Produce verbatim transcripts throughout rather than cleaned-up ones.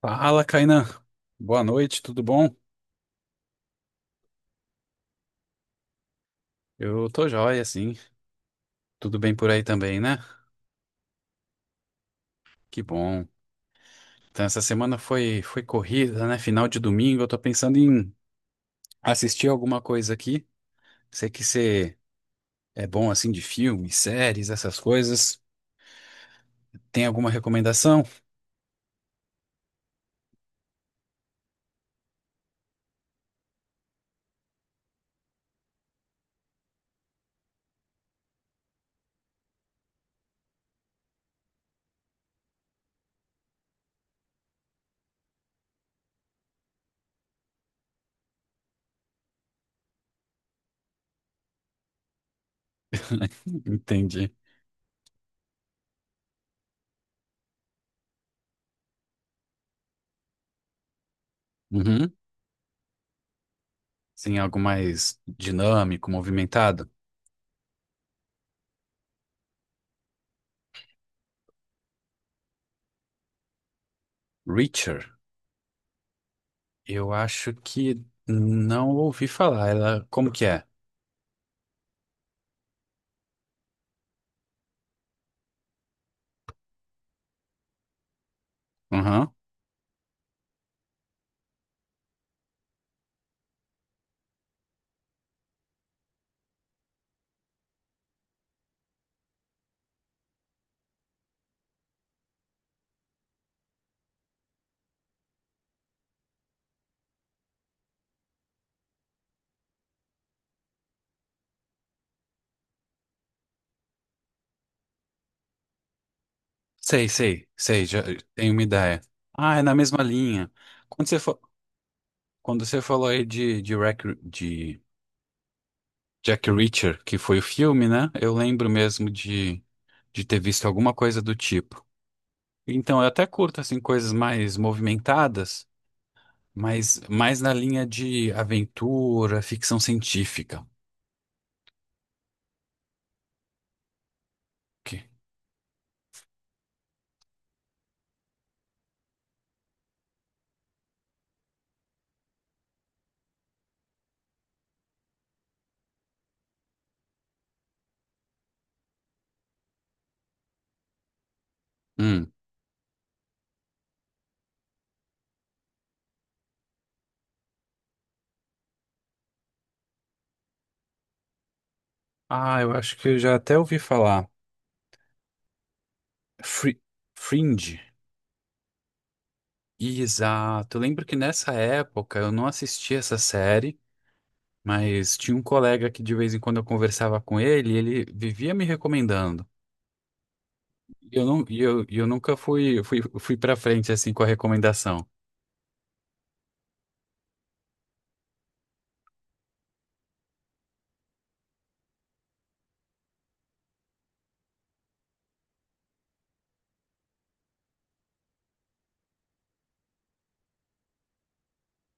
Fala, Kainan. Boa noite, tudo bom? Eu tô joia, sim. Tudo bem por aí também, né? Que bom. Então, essa semana foi, foi corrida, né? Final de domingo. Eu tô pensando em assistir alguma coisa aqui. Sei que você é bom, assim, de filmes, séries, essas coisas. Tem alguma recomendação? Entendi. Uhum. Sim, algo mais dinâmico, movimentado. Reacher, eu acho que não ouvi falar. Ela, como que é? Uhum. Sei, sei, sei, já tenho uma ideia. Ah, é na mesma linha. Quando você, fa- Quando você falou aí de, de, Rec- de Jack Reacher, que foi o filme, né? Eu lembro mesmo de, de ter visto alguma coisa do tipo. Então, eu até curto, assim, coisas mais movimentadas, mas mais na linha de aventura, ficção científica. Que- Hum. Ah, eu acho que eu já até ouvi falar. Fri- Fringe. Exato. Eu lembro que nessa época eu não assisti essa série, mas tinha um colega que de vez em quando eu conversava com ele, e ele vivia me recomendando. E eu, não, e eu, e eu nunca fui, fui, fui para frente assim com a recomendação.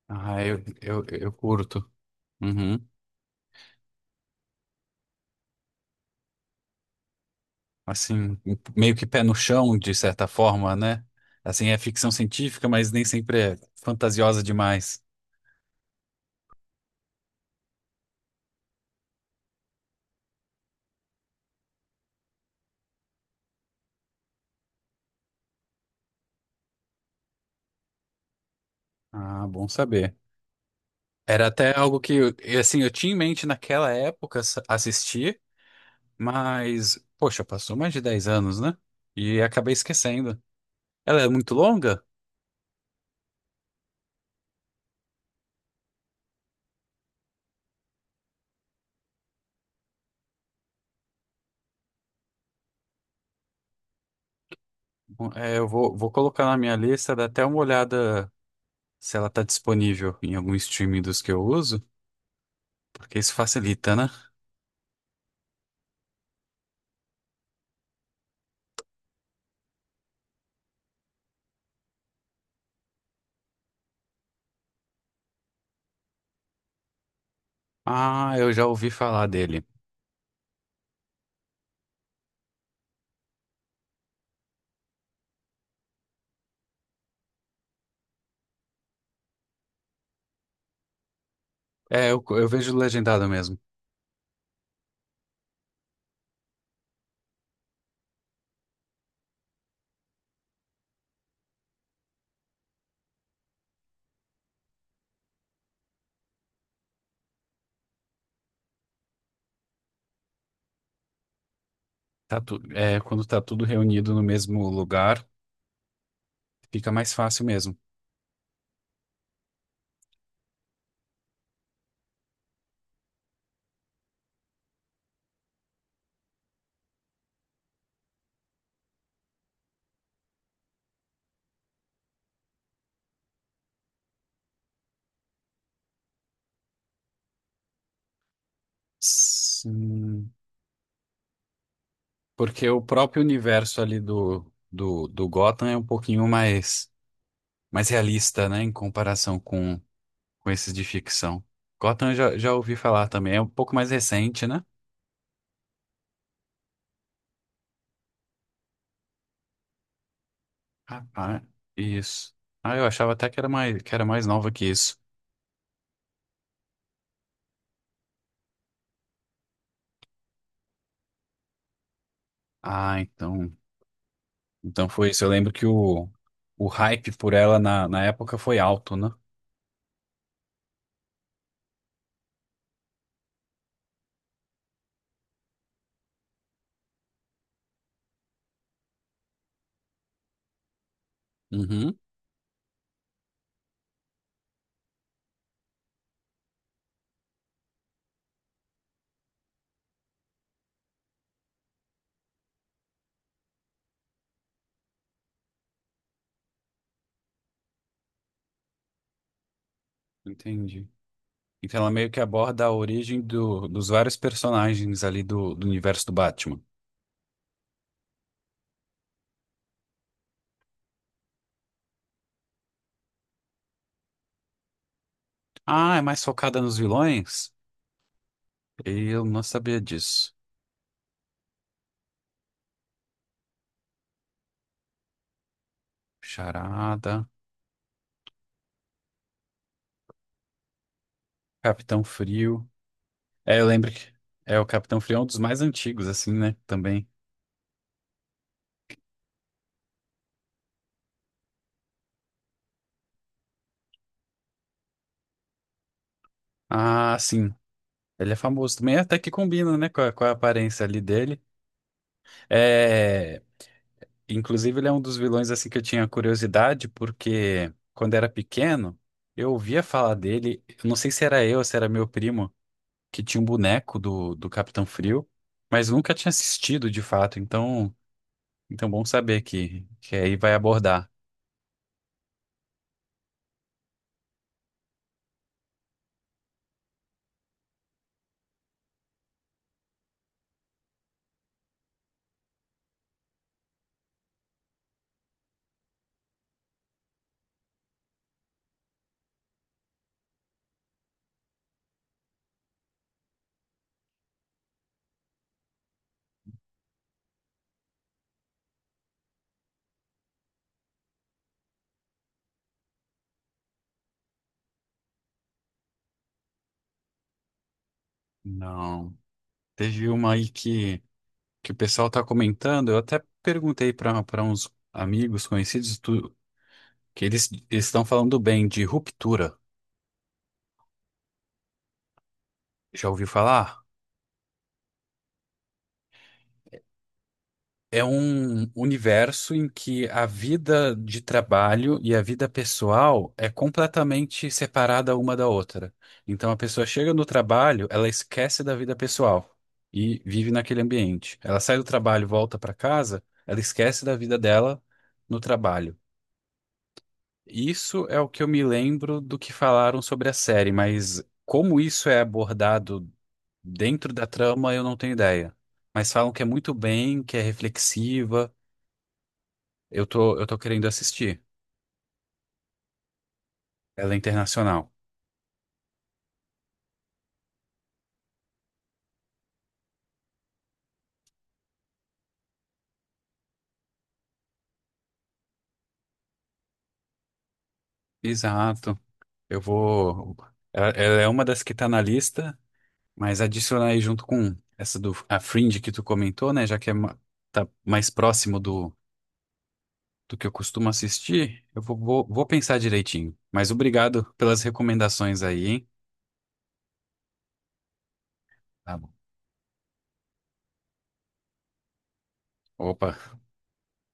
Ah, eu, eu, eu curto. Uhum. Assim, meio que pé no chão, de certa forma, né? Assim, é ficção científica, mas nem sempre é fantasiosa demais. Ah, bom saber. Era até algo que, eu- assim, eu tinha em mente naquela época s- assistir. Mas, poxa, passou mais de dez anos, né? E acabei esquecendo. Ela é muito longa? Bom, é, eu vou, vou colocar na minha lista, dar até uma olhada se ela tá disponível em algum streaming dos que eu uso, porque isso facilita, né? Ah, eu já ouvi falar dele. É, eu, eu vejo legendado mesmo. Tá tu, é, quando tá tudo reunido no mesmo lugar, fica mais fácil mesmo. Sim, porque o próprio universo ali do, do, do Gotham é um pouquinho mais mais realista, né, em comparação com, com esses de ficção. Gotham eu já, já ouvi falar também, é um pouco mais recente, né? Ah, ah, isso. Ah, eu achava até que era mais, que era mais nova que isso. Ah, então, então foi isso. Eu lembro que o, o hype por ela na, na época foi alto, né? Uhum, entendi. Então ela meio que aborda a origem do, dos vários personagens ali do, do universo do Batman. Ah, é mais focada nos vilões? Eu não sabia disso. Charada. Capitão Frio. É, eu lembro que é o Capitão Frio é um dos mais antigos, assim, né? Também. Ah, sim. Ele é famoso também, até que combina, né, com a, com a aparência ali dele. É, inclusive, ele é um dos vilões, assim, que eu tinha curiosidade, porque quando era pequeno, eu ouvia falar dele. Eu não sei se era eu ou se era meu primo, que tinha um boneco do, do Capitão Frio, mas nunca tinha assistido de fato. Então, então bom saber que, que aí vai abordar. Não. Teve uma aí que. que o pessoal está comentando, eu até perguntei para para uns amigos conhecidos tu- que eles eles estão falando bem de ruptura. Já ouviu falar? É um universo em que a vida de trabalho e a vida pessoal é completamente separada uma da outra. Então a pessoa chega no trabalho, ela esquece da vida pessoal e vive naquele ambiente. Ela sai do trabalho, volta para casa, ela esquece da vida dela no trabalho. Isso é o que eu me lembro do que falaram sobre a série, mas como isso é abordado dentro da trama, eu não tenho ideia. Mas falam que é muito bem, que é reflexiva. Eu tô, eu tô querendo assistir. Ela é internacional. Exato. Eu vou. Ela, ela é uma das que tá na lista, mas adicionar aí junto com essa do a Fringe que tu comentou, né? Já que é ma- tá mais próximo do que eu costumo assistir, eu vou, vou, vou pensar direitinho. Mas obrigado pelas recomendações aí, hein? Tá bom. Opa,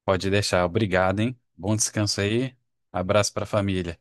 pode deixar. Obrigado, hein? Bom descanso aí. Abraço pra família.